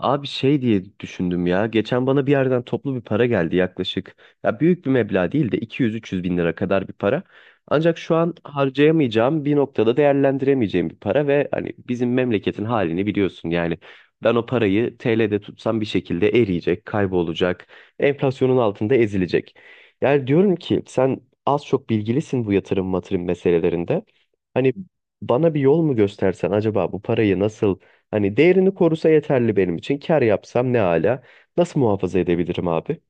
Abi şey diye düşündüm ya. Geçen bana bir yerden toplu bir para geldi yaklaşık. Ya büyük bir meblağ değil de 200-300 bin lira kadar bir para. Ancak şu an harcayamayacağım bir noktada değerlendiremeyeceğim bir para ve hani bizim memleketin halini biliyorsun. Yani ben o parayı TL'de tutsam bir şekilde eriyecek, kaybolacak, enflasyonun altında ezilecek. Yani diyorum ki sen az çok bilgilisin bu yatırım matırım meselelerinde. Hani bana bir yol mu göstersen acaba bu parayı nasıl. Hani değerini korusa yeterli benim için. Kar yapsam ne ala. Nasıl muhafaza edebilirim abi?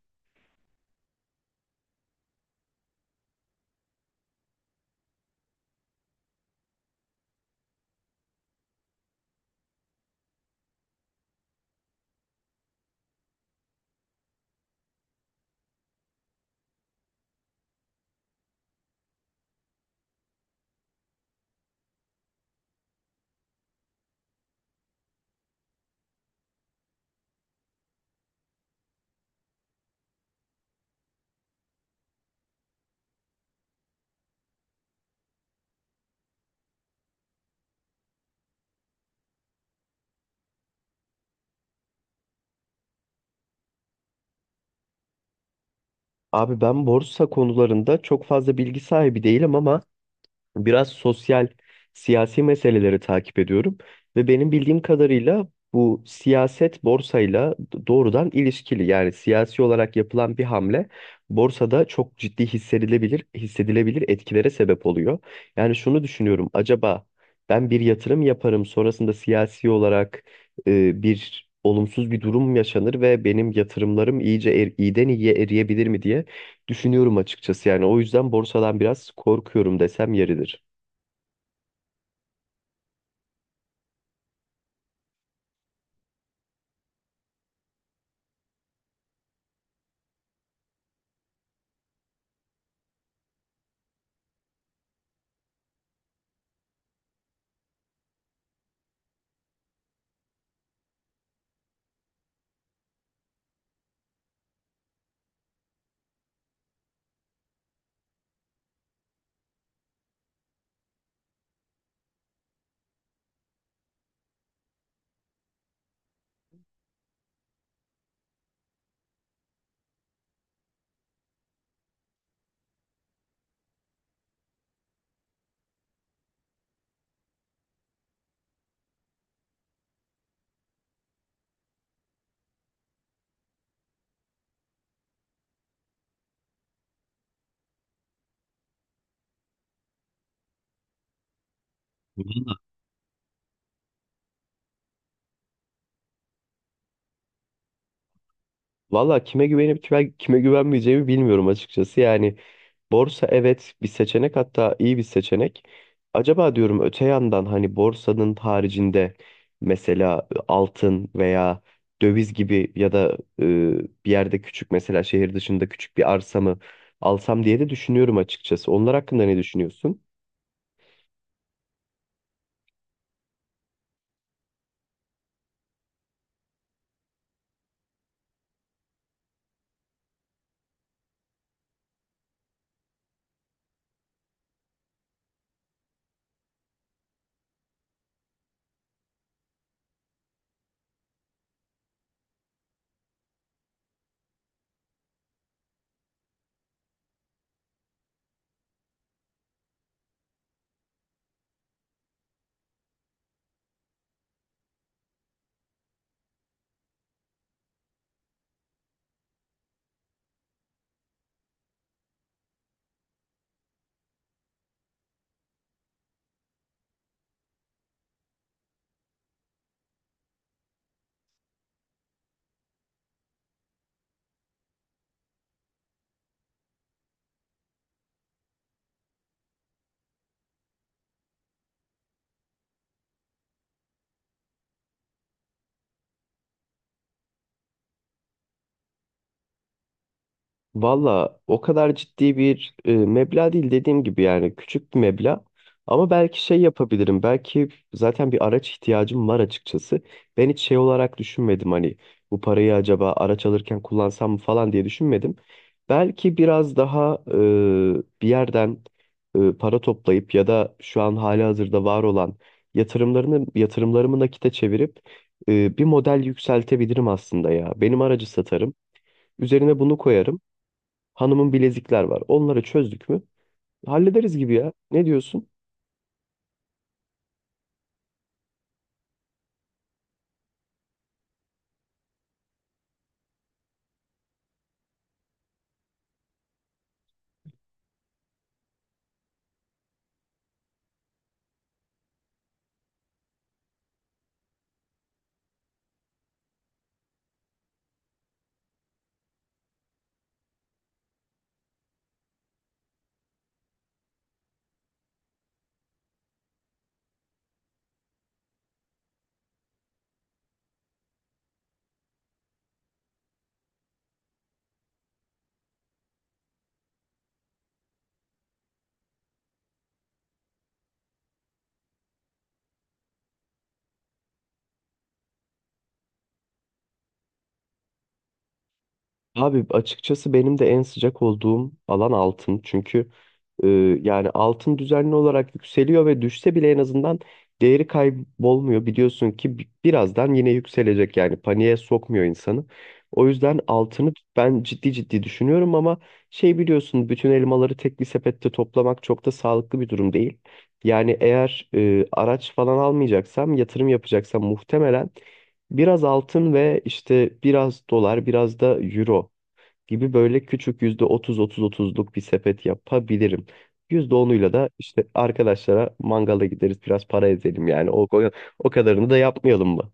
Abi ben borsa konularında çok fazla bilgi sahibi değilim ama biraz sosyal, siyasi meseleleri takip ediyorum ve benim bildiğim kadarıyla bu siyaset borsayla doğrudan ilişkili. Yani siyasi olarak yapılan bir hamle borsada çok ciddi hissedilebilir etkilere sebep oluyor. Yani şunu düşünüyorum, acaba ben bir yatırım yaparım, sonrasında siyasi olarak bir olumsuz bir durum yaşanır ve benim yatırımlarım iyiden iyiye eriyebilir mi diye düşünüyorum açıkçası. Yani o yüzden borsadan biraz korkuyorum desem yeridir. Valla valla kime güvenip kime güvenmeyeceğimi bilmiyorum açıkçası. Yani borsa, evet, bir seçenek, hatta iyi bir seçenek. Acaba diyorum öte yandan hani borsanın haricinde mesela altın veya döviz gibi ya da bir yerde küçük, mesela şehir dışında küçük bir arsa mı alsam diye de düşünüyorum açıkçası. Onlar hakkında ne düşünüyorsun? Valla o kadar ciddi bir meblağ değil, dediğim gibi, yani küçük bir meblağ. Ama belki şey yapabilirim. Belki zaten bir araç ihtiyacım var açıkçası. Ben hiç şey olarak düşünmedim, hani bu parayı acaba araç alırken kullansam mı falan diye düşünmedim. Belki biraz daha bir yerden para toplayıp ya da şu an hali hazırda var olan yatırımlarımı nakite çevirip bir model yükseltebilirim aslında ya. Benim aracı satarım. Üzerine bunu koyarım. Hanımın bilezikler var. Onları çözdük mü? Hallederiz gibi ya. Ne diyorsun? Abi açıkçası benim de en sıcak olduğum alan altın. Çünkü e, yani altın düzenli olarak yükseliyor ve düşse bile en azından değeri kaybolmuyor. Biliyorsun ki birazdan yine yükselecek, yani paniğe sokmuyor insanı. O yüzden altını ben ciddi ciddi düşünüyorum ama şey biliyorsun, bütün elmaları tek bir sepette toplamak çok da sağlıklı bir durum değil. Yani eğer araç falan almayacaksam, yatırım yapacaksam muhtemelen biraz altın ve işte biraz dolar, biraz da euro gibi, böyle küçük, %30 %30 %30'luk bir sepet yapabilirim. %10'uyla da işte arkadaşlara mangala gideriz, biraz para ezelim yani. O kadarını da yapmayalım mı?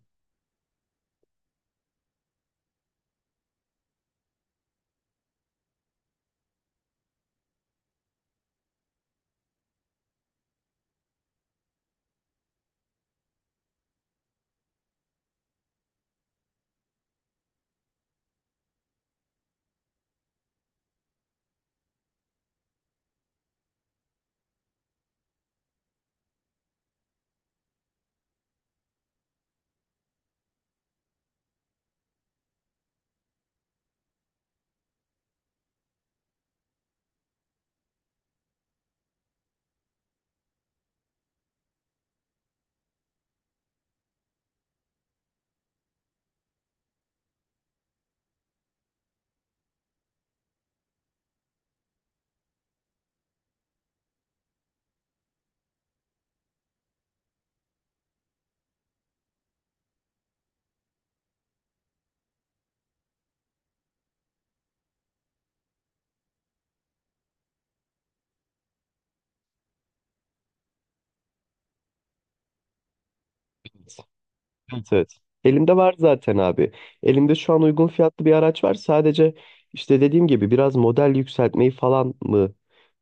Evet. Evet. Elimde var zaten abi. Elimde şu an uygun fiyatlı bir araç var. Sadece işte, dediğim gibi, biraz model yükseltmeyi falan mı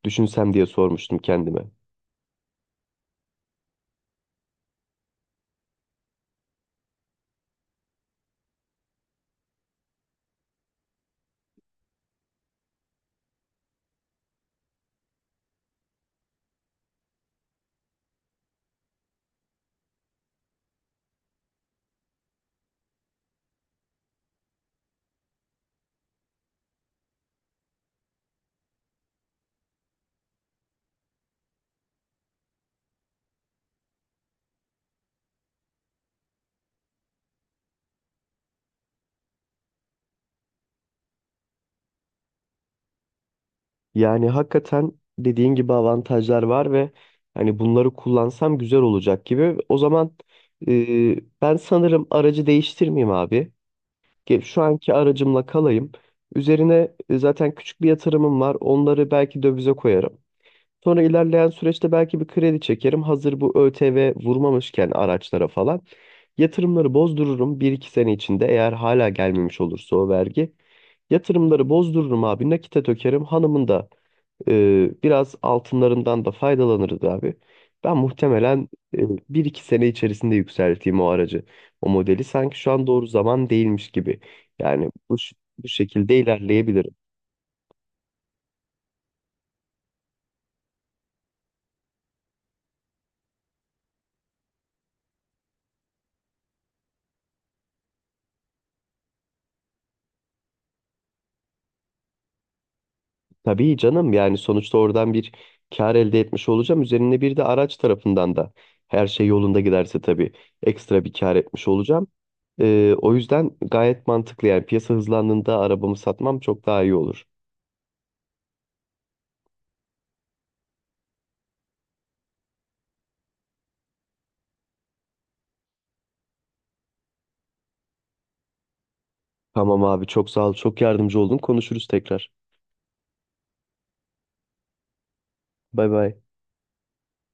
düşünsem diye sormuştum kendime. Yani hakikaten dediğin gibi avantajlar var ve hani bunları kullansam güzel olacak gibi. O zaman ben sanırım aracı değiştirmeyeyim abi. Şu anki aracımla kalayım. Üzerine zaten küçük bir yatırımım var. Onları belki dövize koyarım. Sonra ilerleyen süreçte belki bir kredi çekerim, hazır bu ÖTV vurmamışken araçlara falan. Yatırımları bozdururum. Bir iki sene içinde eğer hala gelmemiş olursa o vergi. Yatırımları bozdururum abi, nakite dökerim. Hanımın da biraz altınlarından da faydalanırız abi. Ben muhtemelen e, bir iki sene içerisinde yükselteyim o aracı. O modeli, sanki şu an doğru zaman değilmiş gibi. Yani bu şekilde ilerleyebilirim. Tabii canım, yani sonuçta oradan bir kar elde etmiş olacağım. Üzerine bir de araç tarafından da, her şey yolunda giderse tabii, ekstra bir kar etmiş olacağım. O yüzden gayet mantıklı, yani piyasa hızlandığında arabamı satmam çok daha iyi olur. Tamam abi, çok sağ ol, çok yardımcı oldun, konuşuruz tekrar. Bay bay.